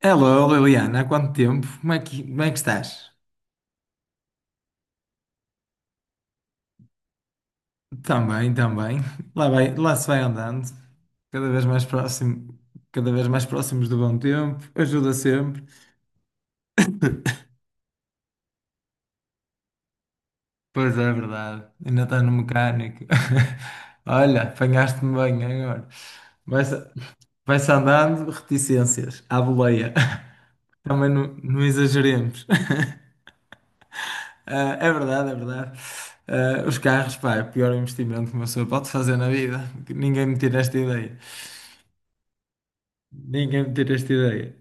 Hello, Liliana, há quanto tempo? Como é que estás? Também, também. Lá vai, lá se vai andando, cada vez mais próximo, cada vez mais próximos do bom tempo, ajuda sempre. Pois é, verdade. Ainda está no mecânico. Olha, apanhaste-me bem agora. Vai-se vai-se andando, reticências, à boleia. Também não exageremos. Ah, é verdade, é verdade. Ah, os carros, pá, é o pior investimento que uma pessoa pode fazer na vida. Ninguém me tira esta ideia. Ninguém me tira esta ideia.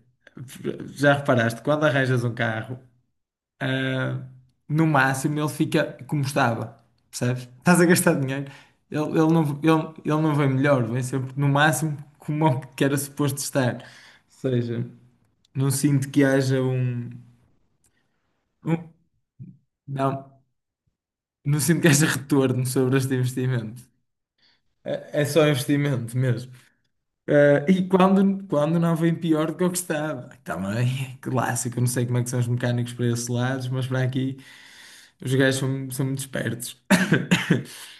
Já reparaste, quando arranjas um carro, ah, no máximo ele fica como estava, percebes? Estás a gastar dinheiro, ele não vem melhor, vem sempre no máximo como o que era suposto estar. Ou seja, não sinto que haja um- não, não sinto que haja retorno sobre este investimento. É só investimento mesmo. E quando não vem pior do que o que estava. Também clássico, eu não sei como é que são os mecânicos para esses lados, mas para aqui os gajos são muito espertos.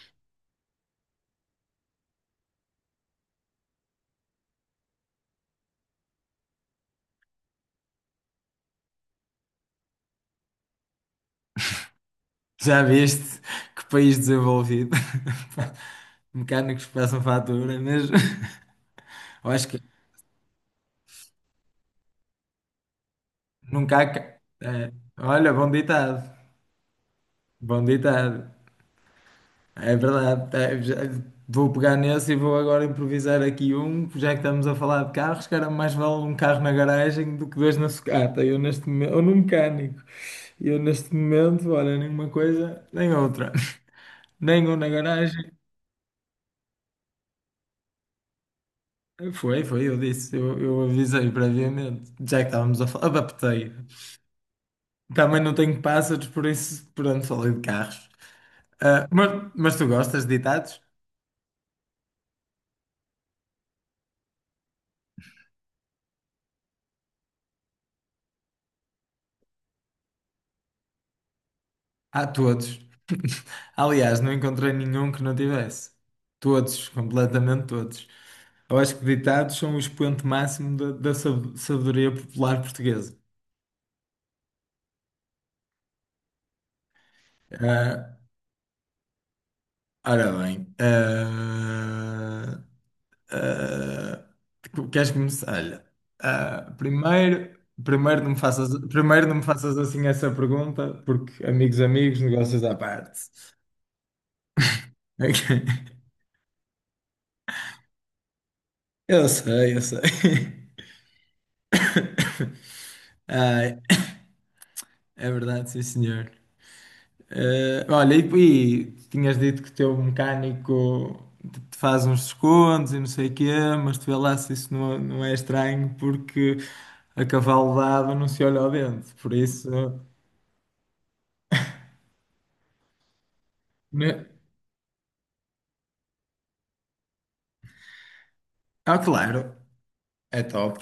Já viste que país desenvolvido? Mecânicos que passam fatura mesmo. Eu acho que nunca há. Olha, bom ditado. Bom ditado. É verdade. Vou pegar nesse e vou agora improvisar aqui um, já que estamos a falar de carros, cara, mais vale um carro na garagem do que dois na sucata. Eu neste momento, ou num mecânico. Eu neste momento, olha, nenhuma coisa, nem outra. Nem um na garagem. Foi, foi, eu disse, eu avisei previamente, já que estávamos a falar, adaptei. Também não tenho pássaros, por isso, pronto, falei de carros. Ah, mas tu gostas de ditados? Ah, todos. Aliás, não encontrei nenhum que não tivesse. Todos, completamente todos. Eu acho que ditados são o expoente máximo da sabedoria popular portuguesa. Ah, ora bem. ah, Queres começar? Olha, ah, primeiro, primeiro não me faças assim essa pergunta, porque amigos, amigos, negócios à parte. Ok. Eu sei, eu sei. Ah, é verdade, sim, senhor. Olha, e tinhas dito que o teu mecânico te faz uns descontos e não sei o quê, mas tu vê lá se isso não é estranho, porque a cavalo dado não se olha ao dente. Por isso. Né? Ah, claro, é top.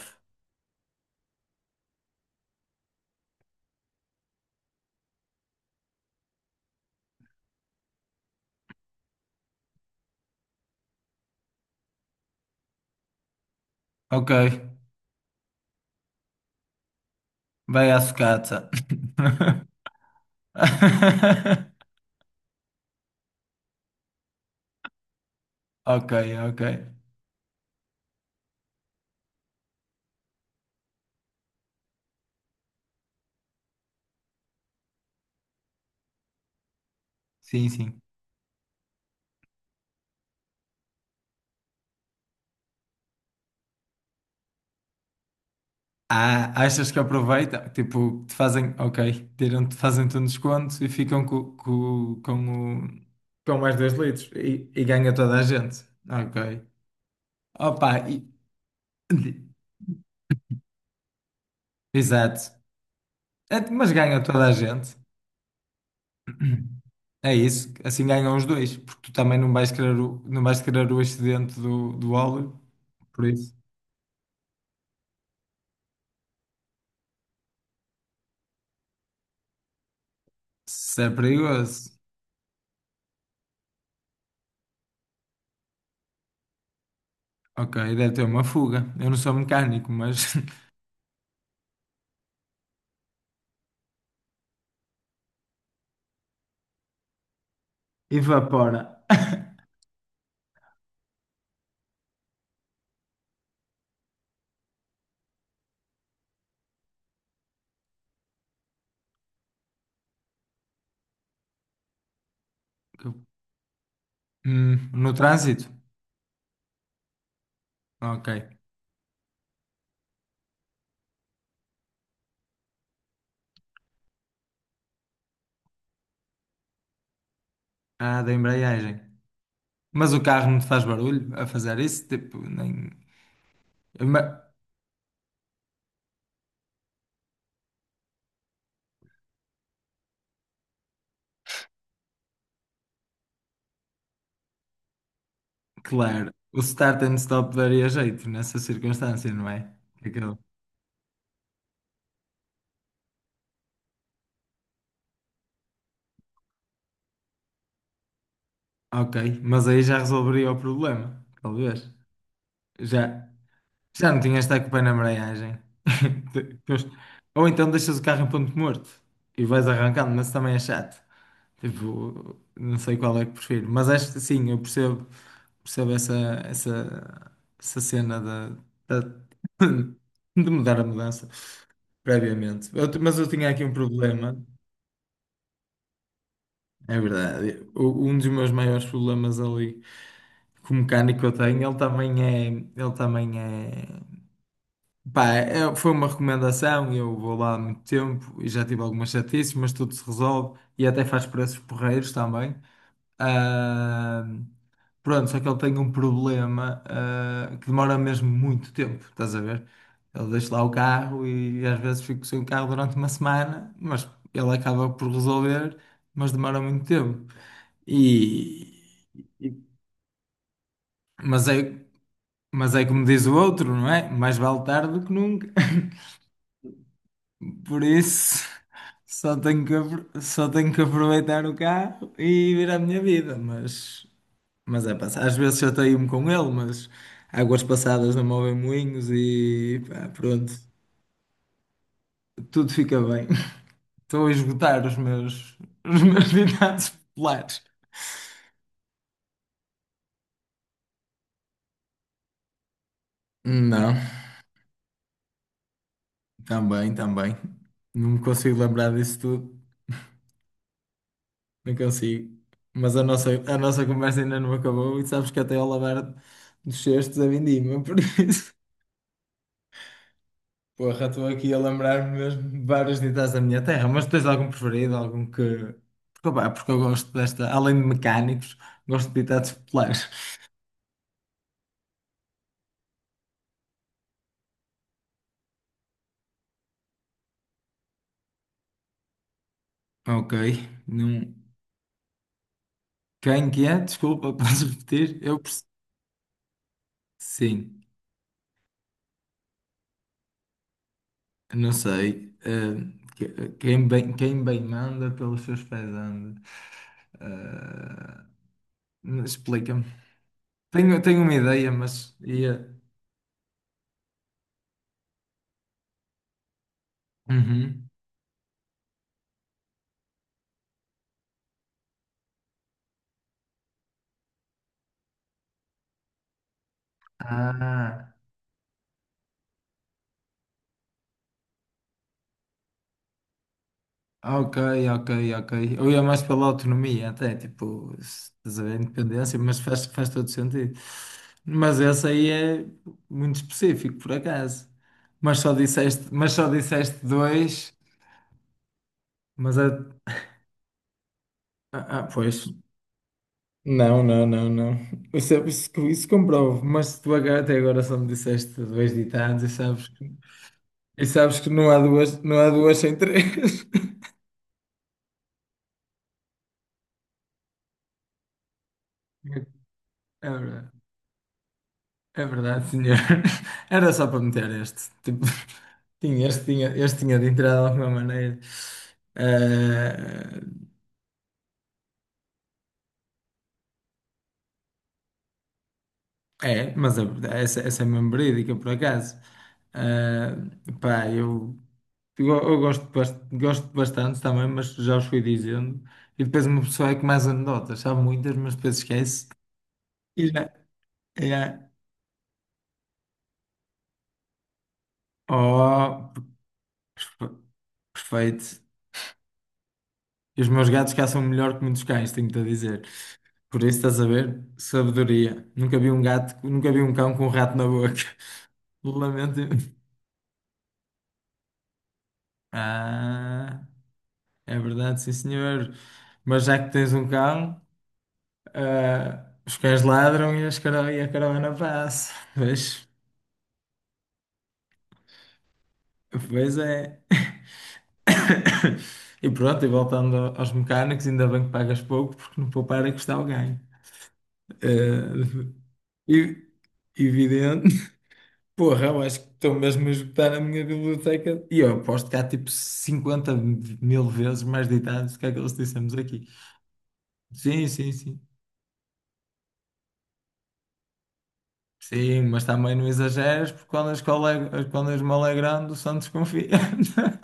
Ok, vai à sucata. Ok, ok. Sim, sim. Ah, achas que aproveitam? Tipo, te fazem, ok, tiram, te fazem-te um desconto e ficam com, o, com mais dois litros e ganha toda a gente. Ok. Opa, e- Exato. É, mas ganha toda a gente. É isso. Assim ganham os dois, porque tu também não vais querer o, não vais querer o excedente do, do óleo. Por isso. Se é perigoso. Ok, deve ter uma fuga. Eu não sou mecânico, mas evapora. No trânsito. Ok. Ah, da embreagem. Mas o carro não te faz barulho a fazer isso? Tipo, nem. Ma- Claro, o start and stop daria jeito nessa circunstância, não é? Aquilo. Ok, mas aí já resolveria o problema, talvez. Já, já não tinhas de estar com o pé na embreagem. Ou então deixas o carro em ponto morto e vais arrancando, mas também é chato. Tipo, não sei qual é que prefiro, mas acho que sim, eu percebo, percebo essa, essa, essa cena da de mudar a mudança previamente. Mas eu tinha aqui um problema, é verdade. Um dos meus maiores problemas ali com o mecânico que eu tenho, pá, foi uma recomendação, e eu vou lá há muito tempo e já tive algumas chatices, mas tudo se resolve e até faz preços porreiros também. Ah, pronto, só que ele tem um problema, que demora mesmo muito tempo, estás a ver? Ele deixa lá o carro e às vezes fico sem o carro durante uma semana, mas ele acaba por resolver, mas demora muito tempo. E... Mas é é como diz o outro, não é? Mais vale tarde do que nunca. Por isso, só tenho só tenho que aproveitar o carro e vir à minha vida, mas é, pá, às vezes chateio-me com ele, mas águas passadas não movem moinhos e pá, pronto, tudo fica bem. Estou a esgotar os meus ditados populares. Não, também, também. Não me consigo lembrar disso tudo, não consigo. Mas a nossa conversa ainda não acabou e sabes que até ao lavar dos cestos a vindima, por isso. Porra, estou aqui a lembrar-me mesmo de vários ditas da minha terra, mas tens algum preferido? Algum que. Porque, opá, porque eu gosto desta, além de mecânicos, gosto de ditados populares. Ok. Não... Quem que é? Desculpa, podes repetir? Sim, não sei. Quem bem manda pelos seus pés anda. Eh, Explica-me. Tenho, tenho uma ideia, mas ia. Uhum. Ah. Ah, ok, ok, ok. Eu ia mais pela autonomia, até, tipo, se estás a ver, independência, mas faz todo sentido. Mas essa aí é muito específico, por acaso. Mas só disseste dois, mas a, ah, ah, pois, Não, não, não, não. Isso, isso comprovo. Até agora só me disseste dois ditados e sabes que não há duas sem três. É verdade. É verdade, senhor. Era só para meter este. Tipo, tinha, este tinha de entrar de alguma maneira. Eh, é, essa, essa é mesmo verídica, por acaso. Eh, pá, eu gosto, gosto bastante também, mas já os fui dizendo. E depois uma pessoa é que mais anedotas, sabe muitas, mas depois esquece. E já, já. Oh, perfe- perfeito. E os meus gatos caçam melhor que muitos cães, tenho-te a dizer. Por isso estás a ver? Sabedoria. Nunca vi um gato, nunca vi um cão com um rato na boca. Lamento. Ah, é verdade, sim senhor. Mas já que tens um cão, ah, os cães ladram e a caravana passa. Pois, pois é. E pronto, e voltando aos mecânicos, ainda bem que pagas pouco, porque não poupar é custar o ganho. Ah, e- evidente. Porra, eu acho que estou mesmo a esgotar a minha biblioteca. E eu aposto que há tipo 50 mil vezes mais ditados do que aqueles que dissemos aqui. Sim, sim, sim. Sim, mas também não exageres, porque quando a esmola é grande, o santo desconfia.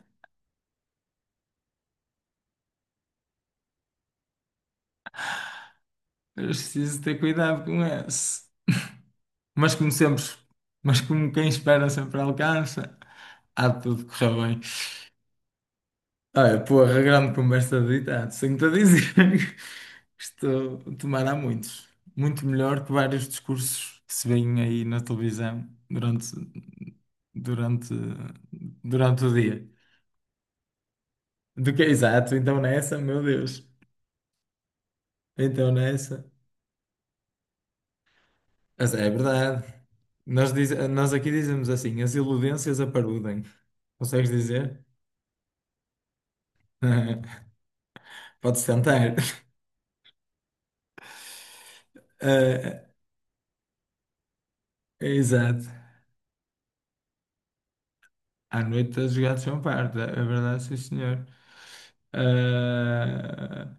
Eu preciso ter cuidado com esse. Mas como sempre, mas como quem espera sempre alcança, há de tudo correr bem. Olha, porra, grande conversa de ditado, tenho te a dizer. Estou a tomar há muitos. Muito melhor que vários discursos que se veem aí na televisão durante, durante o dia. Do que é exato, então nessa, meu Deus. Então nessa. Mas é verdade. Nós aqui dizemos assim: as iludências aparudem. Consegues dizer? Podes tentar. Eh, é exato. À noite a jogar de champanhe, é verdade, sim senhor. Ah,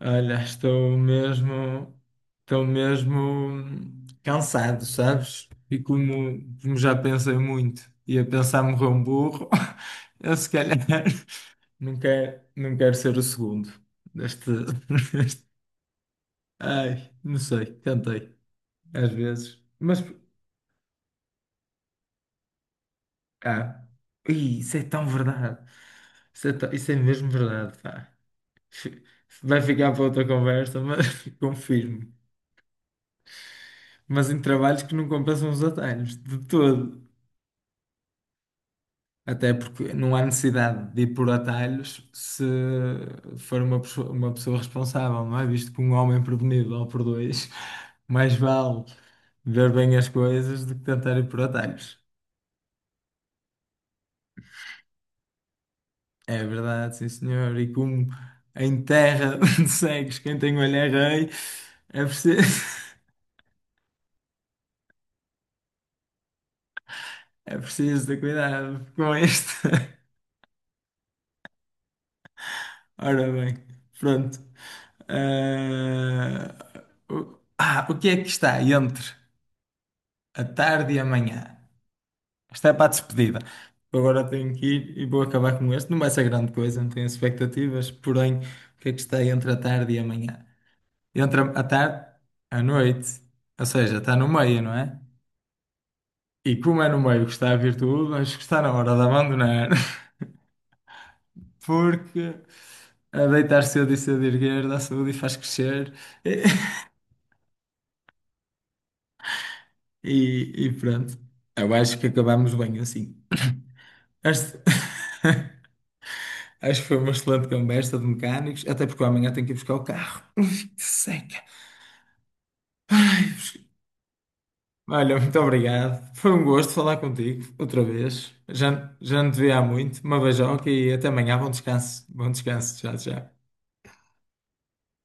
olha, estou mesmo cansado, sabes? E como já pensei muito e a pensar morrer um burro, eu se calhar não quero ser o segundo deste, deste- Ai, não sei, cantei às vezes. Mas, ah, ih, isso é tão verdade. Isso é mesmo verdade, pá. Fi- Vai ficar para outra conversa, mas confirmo. Mas em trabalhos que não compensam os atalhos, de todo. Até porque não há necessidade de ir por atalhos se for uma pessoa responsável, não é? Visto que um homem prevenido ou por dois, mais vale ver bem as coisas do que tentar ir por atalhos. É verdade, sim senhor. E como em terra de cegos, quem tem olho é rei, é preciso, é preciso ter cuidado com isto. Ora bem, pronto. Ah, o que é que está entre a tarde e a manhã? Esta é para a despedida. Agora tenho que ir e vou acabar com este. Não vai ser grande coisa, não tenho expectativas. Porém, o que é que está entre a tarde e a manhã? Entre a tarde, A noite. Ou seja, está no meio, não é? E como é no meio que está a virtude, tudo, acho que está na hora de abandonar. Porque a deitar cedo e cedo erguer dá saúde e faz crescer. E pronto, eu acho que acabámos bem assim. Acho, acho que foi uma excelente conversa de mecânicos, até porque eu amanhã tenho que ir buscar o carro. Ui, que seca. Ai, olha, muito obrigado. Foi um gosto falar contigo outra vez. Já, já não te vi há muito. Uma beijoca e até amanhã. Bom descanso. Bom descanso. Tchau, tchau.